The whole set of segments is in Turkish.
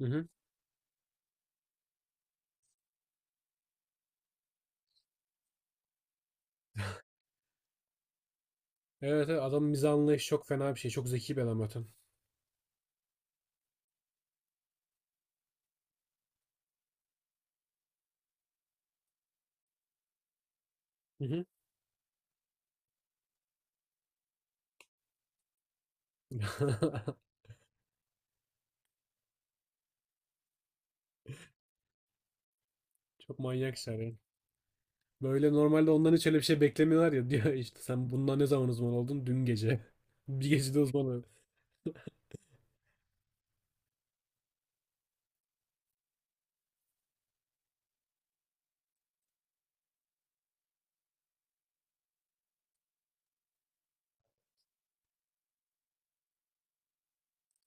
Hı hı. Evet, evet adamın mizah anlayışı çok fena bir şey. Çok zeki bir adam zaten. Hı hı. Çok manyak işler yani. Böyle normalde ondan hiç öyle bir şey beklemiyorlar ya. Diyor işte sen bundan ne zaman uzman oldun? Dün gece. Bir gecede uzman oldun.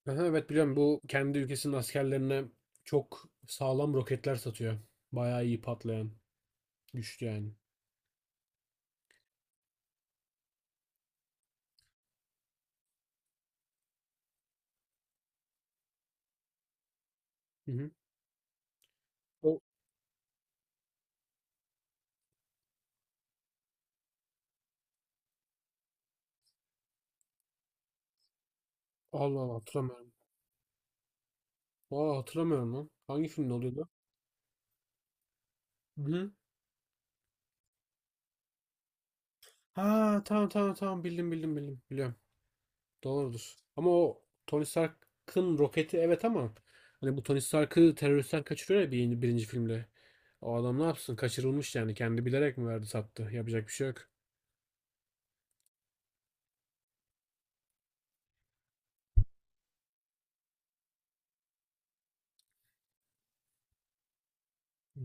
Aha, evet biliyorum, bu kendi ülkesinin askerlerine çok sağlam roketler satıyor. Bayağı iyi patlayan. Güçlü yani. Hı hı. O Allah Allah hatırlamıyorum. Aa hatırlamıyorum lan. Hangi filmde oluyordu? Hı hı. Ha tamam tamam tamam, bildim bildim bildim. Biliyorum. Doğrudur. Ama o Tony Stark'ın roketi, evet, ama hani bu Tony Stark'ı teröristten kaçırıyor ya birinci filmde. O adam ne yapsın? Kaçırılmış yani. Kendi bilerek mi verdi, sattı? Yapacak bir şey yok. Hı.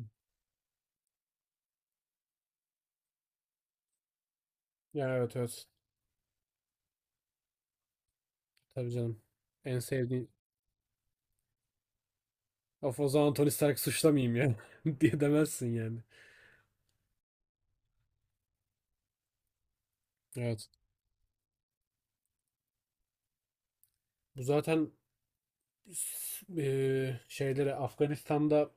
Ya evet evet. Tabii canım. En sevdiğin. Of, o zaman Tony Stark'ı suçlamayayım ya. diye demezsin yani. Evet. Bu zaten Şeylere Afganistan'da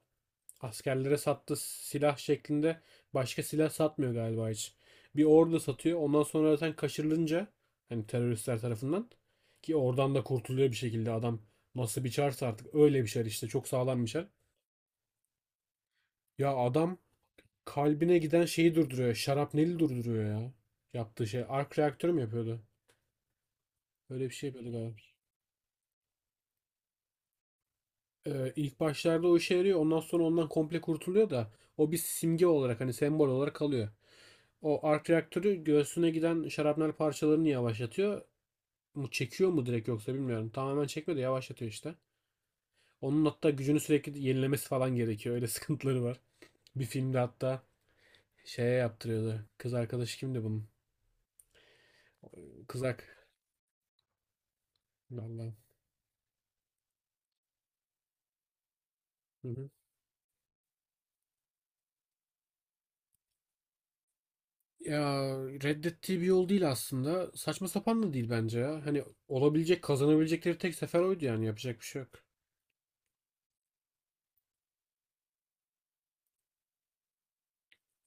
askerlere sattığı silah şeklinde başka silah satmıyor galiba hiç. Bir ordu satıyor. Ondan sonra zaten kaçırılınca, hani teröristler tarafından, ki oradan da kurtuluyor bir şekilde adam, nasıl bir çarsa artık, öyle bir şer işte, çok sağlam bir şer. Ya adam kalbine giden şeyi durduruyor. Şarapneli durduruyor ya. Yaptığı şey. Ark reaktörü mü yapıyordu? Öyle bir şey yapıyordu galiba. İlk başlarda o işe yarıyor. Ondan sonra ondan komple kurtuluyor da o bir simge olarak, hani sembol olarak kalıyor. O ark reaktörü göğsüne giden şarapnel parçalarını yavaşlatıyor. Mu çekiyor mu direkt, yoksa bilmiyorum. Tamamen çekmiyor da yavaşlatıyor işte. Onun hatta gücünü sürekli yenilemesi falan gerekiyor. Öyle sıkıntıları var. Bir filmde hatta şeye yaptırıyordu. Kız arkadaşı kimdi bunun? Kızak. Vallahi. Hı hı. Ya reddettiği bir yol değil aslında. Saçma sapan da değil bence ya. Hani olabilecek, kazanabilecekleri tek sefer oydu yani. Yapacak bir şey yok.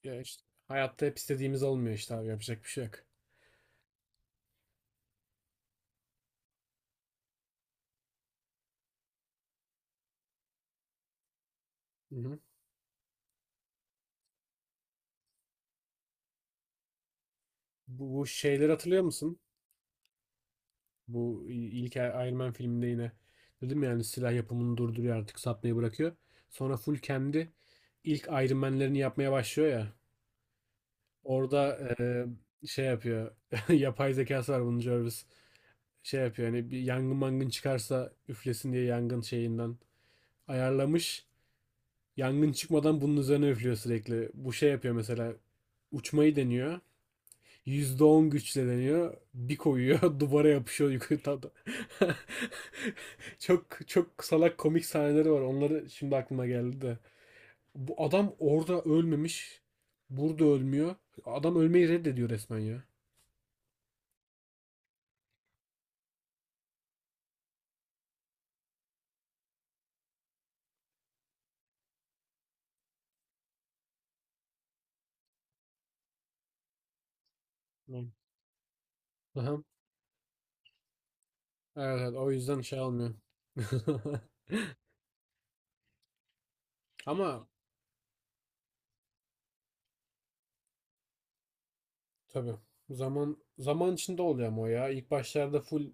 Ya işte hayatta hep istediğimiz olmuyor işte abi. Yapacak bir şey yok. Hı hı. Bu şeyleri hatırlıyor musun? Bu ilk Iron Man filminde yine dedim ya, yani silah yapımını durduruyor, artık satmayı bırakıyor. Sonra full kendi ilk Iron Man'lerini yapmaya başlıyor ya. Orada şey yapıyor. Yapay zekası var bunun, Jarvis. Şey yapıyor, hani bir yangın mangın çıkarsa üflesin diye yangın şeyinden ayarlamış. Yangın çıkmadan bunun üzerine üflüyor sürekli. Bu şey yapıyor, mesela uçmayı deniyor. %10 güçle deniyor. Bir koyuyor duvara yapışıyor yukarı Çok salak komik sahneleri var. Onları şimdi aklıma geldi de. Bu adam orada ölmemiş. Burada ölmüyor. Adam ölmeyi reddediyor resmen ya. Ne? Aha. Evet, evet, o yüzden şey almıyor. Ama tabii zaman zaman içinde oluyor ama o ya. İlk başlarda full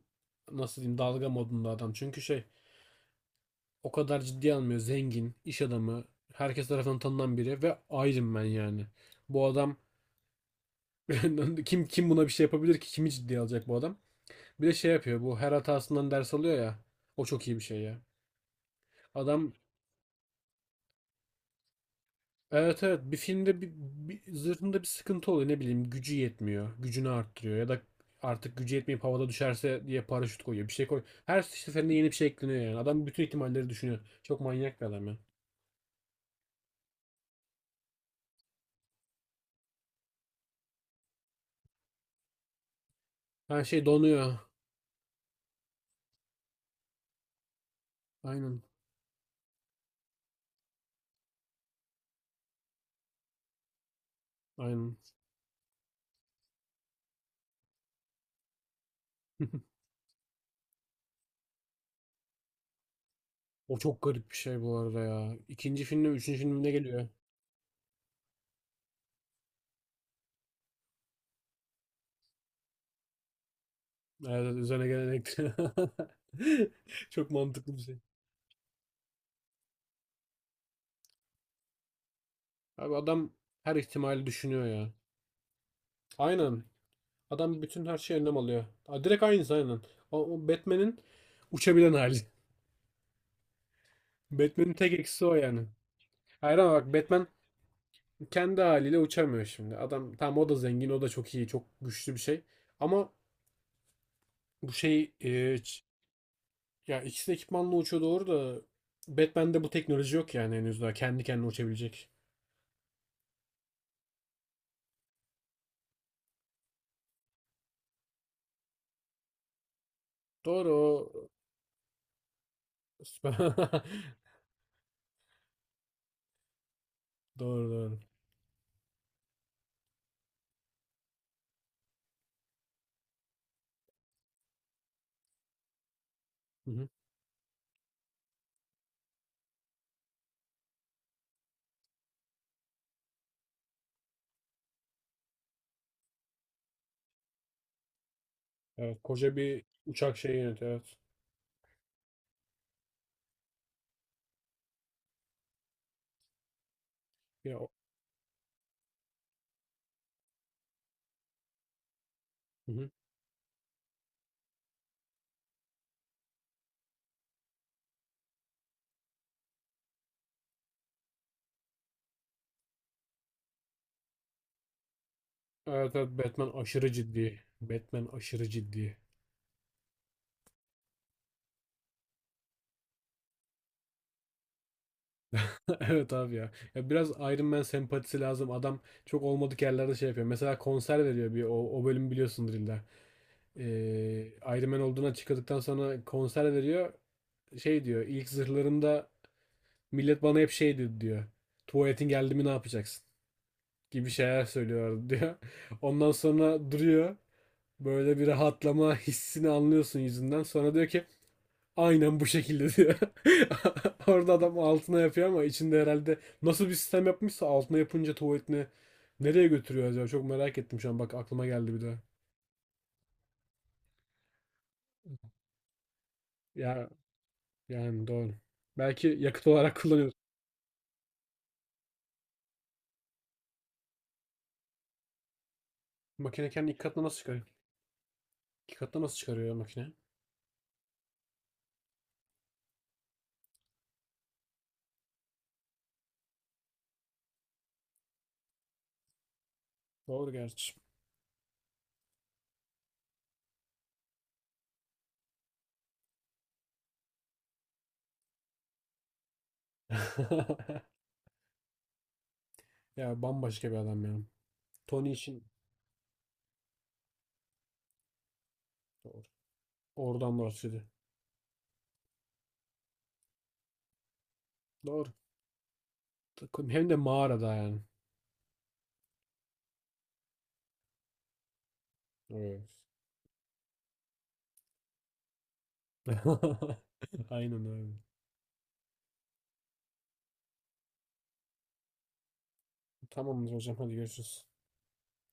nasıl diyeyim, dalga modunda adam. Çünkü şey, o kadar ciddi almıyor. Zengin, iş adamı, herkes tarafından tanınan biri ve Iron ben yani. Bu adam kim buna bir şey yapabilir ki? Kimi ciddiye alacak bu adam? Bir de şey yapıyor. Bu her hatasından ders alıyor ya. O çok iyi bir şey ya. Adam evet evet, bir filmde bir zırhında bir sıkıntı oluyor, ne bileyim gücü yetmiyor, gücünü arttırıyor ya da artık gücü yetmeyip havada düşerse diye paraşüt koyuyor, bir şey koy. Her seferinde yeni bir şey ekleniyor yani, adam bütün ihtimalleri düşünüyor. Çok manyak bir adam ya. Her şey donuyor. Aynen aynen. O çok garip bir şey bu arada ya. İkinci filmde, üçüncü filmde geliyor. Evet evet, üzerine gelerek. Çok mantıklı bir şey. Abi adam her ihtimali düşünüyor ya. Aynen. Adam bütün her şeye önlem alıyor. Aa, direkt aynısı aynen. O Batman'in uçabilen hali. Batman'in tek eksisi o yani. Hayır ama bak, Batman kendi haliyle uçamıyor şimdi. Adam tamam, o da zengin, o da çok iyi, çok güçlü bir şey. Ama bu şey e, ç- ya ikisi de ekipmanla uçuyor doğru da, Batman'de bu teknoloji yok yani henüz daha kendi kendine uçabilecek. Doğru o. Doğru doğru. Hı hı. Evet, koca bir uçak şeyi yönetiyor, evet. Ya, o- hı hı. Evet evet, Batman aşırı ciddi. Batman aşırı ciddi. Evet abi ya. Ya biraz Iron Man sempatisi lazım. Adam çok olmadık yerlerde şey yapıyor. Mesela konser veriyor, bir o bölüm biliyorsundur illa. Ee, Iron Man olduğuna açıkladıktan sonra konser veriyor. Şey diyor. İlk zırhlarımda millet bana hep şey dedi diyor. Tuvaletin geldi mi ne yapacaksın? Gibi şeyler söylüyor diyor. Ondan sonra duruyor. Böyle bir rahatlama hissini anlıyorsun yüzünden. Sonra diyor ki aynen bu şekilde diyor. Orada adam altına yapıyor, ama içinde herhalde nasıl bir sistem yapmışsa altına yapınca tuvaletini nereye götürüyor acaba? Çok merak ettim şu an. Bak aklıma geldi bir de. Ya yani doğru. Belki yakıt olarak kullanıyor. Makine kendi ilk katına nasıl çıkarıyor? İki katına nasıl çıkarıyor ya makine? Doğru gerçi. Ya bambaşka bir adam ya. Tony için doğru. Oradan bahsediyor. Doğru. Hem de mağarada yani. Evet. Aynen öyle. Tamamdır hocam, hadi görüşürüz.